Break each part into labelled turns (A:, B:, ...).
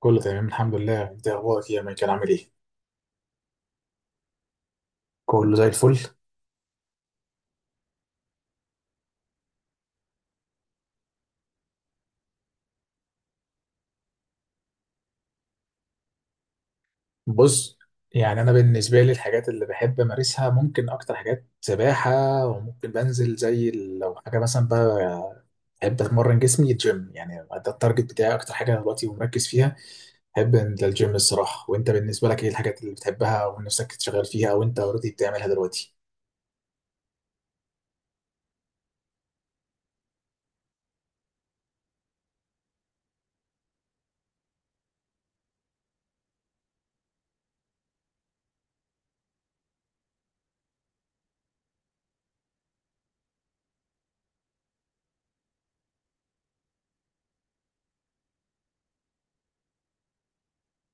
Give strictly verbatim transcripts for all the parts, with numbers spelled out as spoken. A: كله تمام الحمد لله، انت اخبارك ايه يا مايكل؟ عامل ايه؟ كله زي الفل. بص، يعني انا بالنسبه لي الحاجات اللي بحب امارسها ممكن اكتر حاجات سباحه. وممكن بنزل زي ال- لو حاجه مثلا بقى، بحب اتمرن جسمي الجيم، يعني ده التارجت بتاعي اكتر حاجه دلوقتي ومركز فيها. بحب انزل الجيم الصراحه. وانت بالنسبه لك ايه الحاجات اللي بتحبها ونفسك تشتغل فيها وانت اوريدي بتعملها دلوقتي؟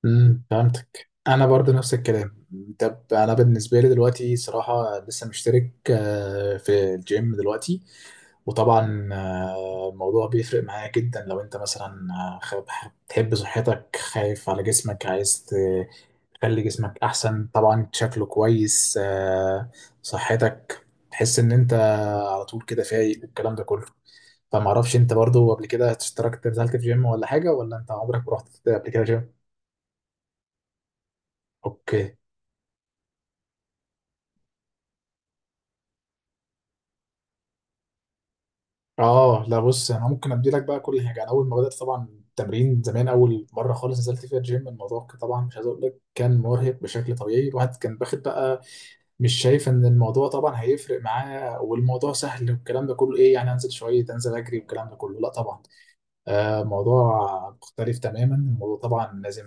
A: امم فهمتك، انا برضو نفس الكلام. طب انا بالنسبه لي دلوقتي صراحه لسه مشترك آه، في الجيم دلوقتي. وطبعا آه، الموضوع بيفرق معايا جدا لو انت مثلا آه، خ- بتحب صحتك، خايف على جسمك، عايز ت- تخلي جسمك احسن، طبعا شكله كويس، آه، صحتك، تحس ان انت على طول كده فايق والكلام ده كله. فمعرفش، انت برضو قبل كده اشتركت نزلت في جيم ولا حاجه، ولا انت عمرك ما رحت قبل كده جيم؟ اوكي. اه لا، بص انا ممكن ابدي لك بقى كل حاجه. انا اول ما بدات طبعا التمرين زمان، اول مره خالص نزلت فيها الجيم، الموضوع كان طبعا، مش عايز اقول لك، كان مرهق بشكل طبيعي. الواحد كان باخد بقى، مش شايف ان الموضوع طبعا هيفرق معاه والموضوع سهل والكلام ده كله ايه، يعني انزل شويه انزل اجري والكلام ده كله. لا طبعا، آه موضوع مختلف تماما، الموضوع طبعا لازم،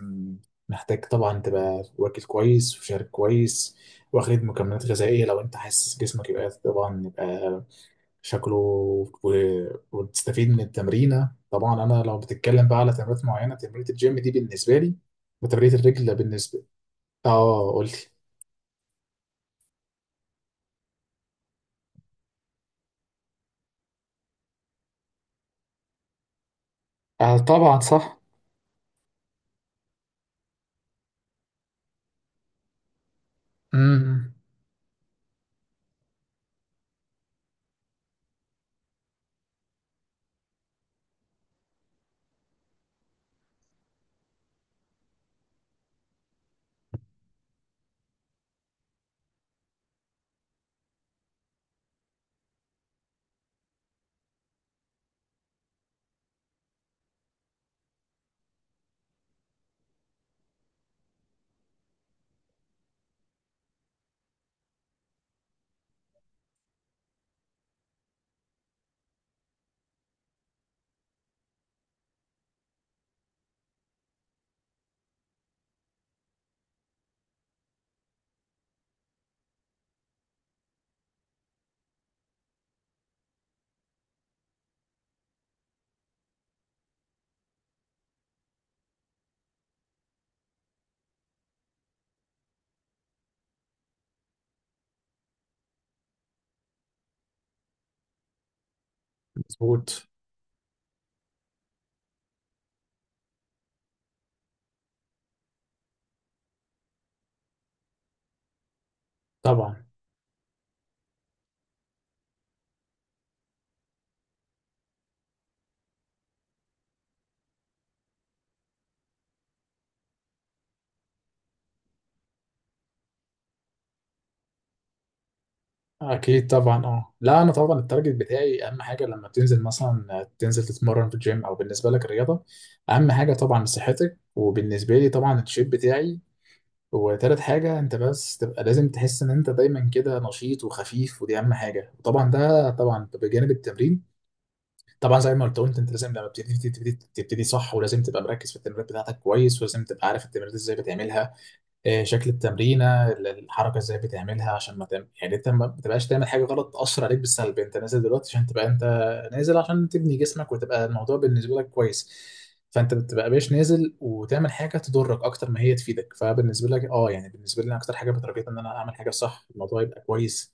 A: محتاج طبعا تبقى واكل كويس وشارب كويس، واخد مكملات غذائيه. لو انت حاسس جسمك يبقى طبعا يبقى شكله، و- وتستفيد من التمرينة. طبعا انا لو بتتكلم بقى على تمرينات معينة، تمرينة الجيم دي بالنسبة لي، وتمرينة الرجل بالنسبة. اه، قلت. آه، طبعا صح. امم. مظبوط. طبعا، اكيد طبعا. اه لا، انا طبعا التارجت بتاعي اهم حاجة لما تنزل مثلا تنزل تتمرن في الجيم او بالنسبة لك الرياضة، اهم حاجة طبعا صحتك، وبالنسبة لي طبعا الشيب بتاعي، وتالت حاجة انت بس تبقى لازم تحس ان انت دايما كده نشيط وخفيف، ودي اهم حاجة، وطبعا ده طبعا بجانب التمرين. طبعا زي ما قلت قلت، انت لازم لما بتبتدي تبتدي, تبتدي صح، ولازم تبقى مركز في التمرينات بتاعتك كويس، ولازم تبقى عارف التمرينات ازاي بتعملها. آه، شكل التمرينه، ال- الحركه ازاي بتعملها، عشان ما تعمل يعني انت ما بتبقاش تعمل حاجه غلط تاثر عليك بالسلب. انت نازل دلوقتي عشان تبقى انت نازل عشان تبني جسمك، وتبقى الموضوع بالنسبه لك كويس. فانت بتبقى باش نازل وتعمل حاجه تضرك اكتر ما هي تفيدك. فبالنسبه لك اه يعني، بالنسبه لي انا اكتر حاجه بترجيت ان انا اعمل حاجه صح، الموضوع يبقى كويس.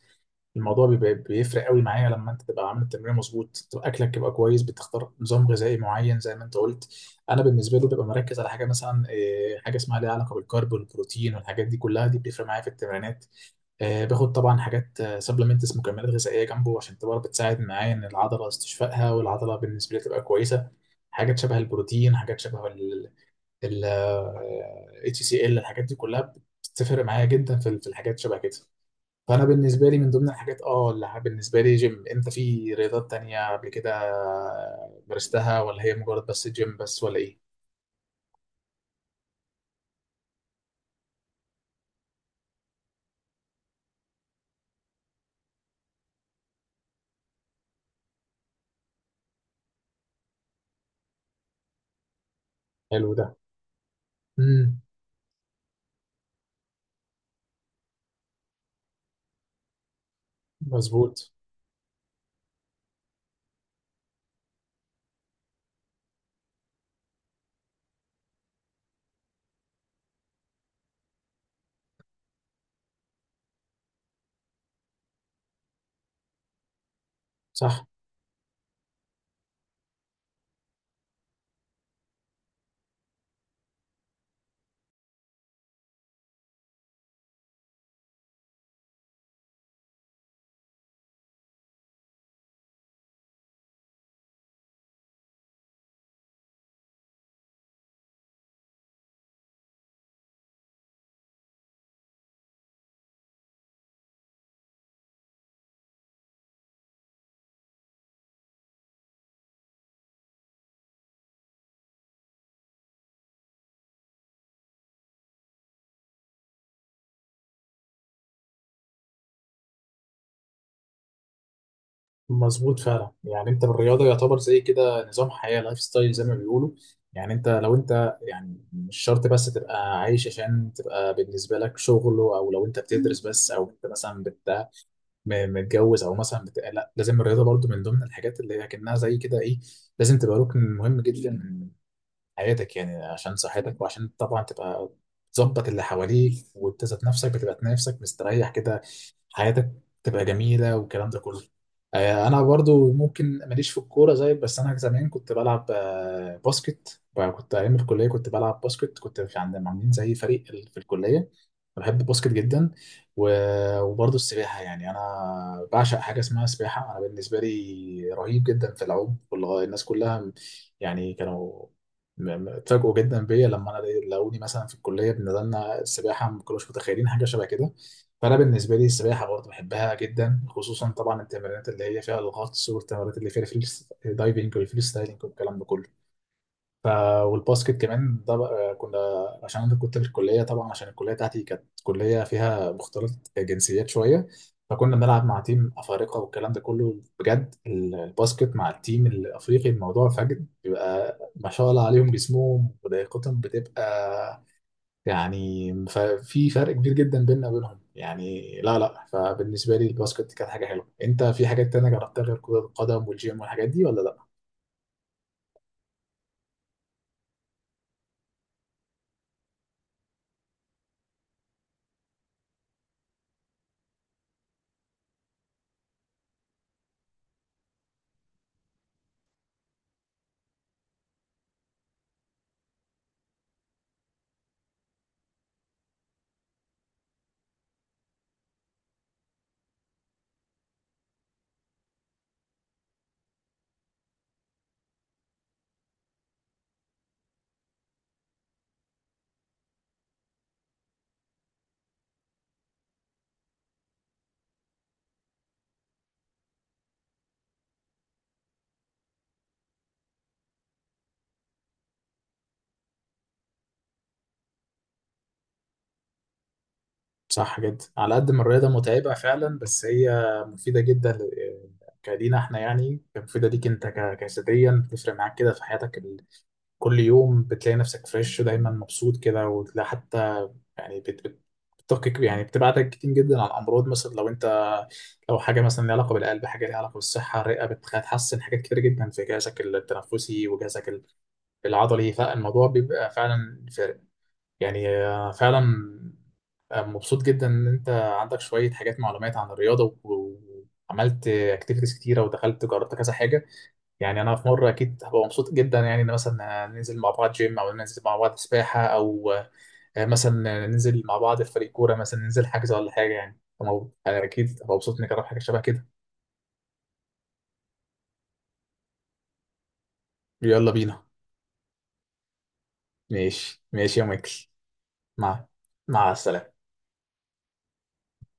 A: الموضوع بيبقى بيفرق قوي معايا لما انت تبقى عامل التمرين مظبوط، تبقى اكلك يبقى كويس، بتختار نظام غذائي معين زي ما انت قلت. انا بالنسبه له ببقى مركز على حاجه مثلا إيه، حاجه اسمها ليها علاقه بالكارب والبروتين والحاجات دي كلها، دي بتفرق معايا في التمرينات. آه، باخد طبعا حاجات سبلمنتس، مكملات غذائيه جنبه عشان تبقى بتساعد معايا، ان العضله استشفائها، والعضله بالنسبه لي تبقى كويسه. حاجات شبه البروتين، حاجات شبه ال ال اتش سي ال، الحاجات دي كلها بتفرق معايا جدا في ال- في الحاجات شبه كده. فانا بالنسبه لي من ضمن الحاجات اه اللي بالنسبه لي جيم. انت في رياضات تانية قبل كده مارستها، ولا هي مجرد بس جيم بس، ولا ايه؟ حلو ده. امم. مظبوط. صح. مظبوط فعلا، يعني انت بالرياضه يعتبر زي كده نظام حياه، لايف ستايل زي ما بيقولوا. يعني انت لو انت يعني مش شرط بس تبقى عايش عشان تبقى بالنسبه لك شغل، او لو انت بتدرس بس، او انت مثلا بت م- متجوز، او مثلا بت... لا، لازم الرياضه برضو من ضمن الحاجات اللي هي كانها زي كده ايه، لازم تبقى ركن مهم جدا من حياتك، يعني عشان صحتك وعشان طبعا تبقى تظبط اللي حواليك، وتزت نفسك، بتبقى نفسك مستريح كده، حياتك تبقى جميلة والكلام ده كله. آه، أنا برضو ممكن ماليش في الكورة زيك، بس أنا زمان كنت بلعب آه، باسكت. كنت أيام الكلية كنت بلعب باسكت، كنت في عند عاملين زي فريق ال- في الكلية. بحب الباسكت جدا. و- وبرضو السباحة، يعني أنا بعشق حاجة اسمها سباحة. أنا بالنسبة لي رهيب جدا في العوم، والله الناس كلها يعني كانوا، م- م- اتفاجئوا جدا بيا لما أنا لقوني مثلا في الكلية بنزلنا السباحة، ما كانوش متخيلين حاجة شبه كده. فانا بالنسبه لي السباحه برضه بحبها جدا، خصوصا طبعا التمرينات اللي هي فيها الغطس، والتمرينات اللي فيها الفري دايفنج والفري ستايلنج والكلام ده كله. ف والباسكت كمان ده بقى، كنا عشان انا كنت في الكليه طبعا، عشان الكليه بتاعتي كانت كليه فيها مختلط جنسيات شويه، فكنا بنلعب مع تيم افارقه والكلام ده كله. بجد الباسكت مع التيم الافريقي الموضوع فجد بيبقى، ما شاء الله عليهم جسمهم ولياقتهم بتبقى، يعني ففي فرق كبير جدا بيننا وبينهم يعني، لا لا. فبالنسبة لي الباسكت كانت حاجة حلوة. انت في حاجات تانية جربتها غير كرة القدم والجيم والحاجات دي، ولا لا؟ صح جدا، على قد ما الرياضة متعبة فعلا بس هي مفيدة جدا ل- كلينا احنا، يعني مفيدة ليك انت ك- جسديا، بتفرق معاك كده في حياتك ال- كل يوم بتلاقي نفسك فريش ودايما مبسوط كده، وتلاقي حتى، يعني بت بت بتقي- يعني بتبعدك كتير جدا عن امراض، مثلا لو انت، او حاجه مثلا ليها علاقه بالقلب، حاجه ليها علاقه بالصحه، الرئه، بتخ- بتحسن حاجات كتير جدا في جهازك التنفسي، وجهازك ال- العضلي. فالموضوع بيبقى فعلا فارق، يعني آه، فعلا. آه، مبسوط جدا ان انت عندك شويه حاجات، معلومات عن الرياضه و- وعملت اكتيفيتيز كتيره، ودخلت جربت كذا حاجه. يعني انا في مره اكيد هبقى مبسوط جدا يعني، ان مثلا ننزل مع بعض جيم، او ننزل مع بعض سباحه، او آه، مثلا ننزل مع بعض في فريق كوره، مثلا ننزل حجز ولا حاجه. يعني أنا أنا أكيد هبقى مبسوط إني أجرب حاجة شبه كده. يلا بينا. ماشي ماشي يا مايكل. مع مع السلامة.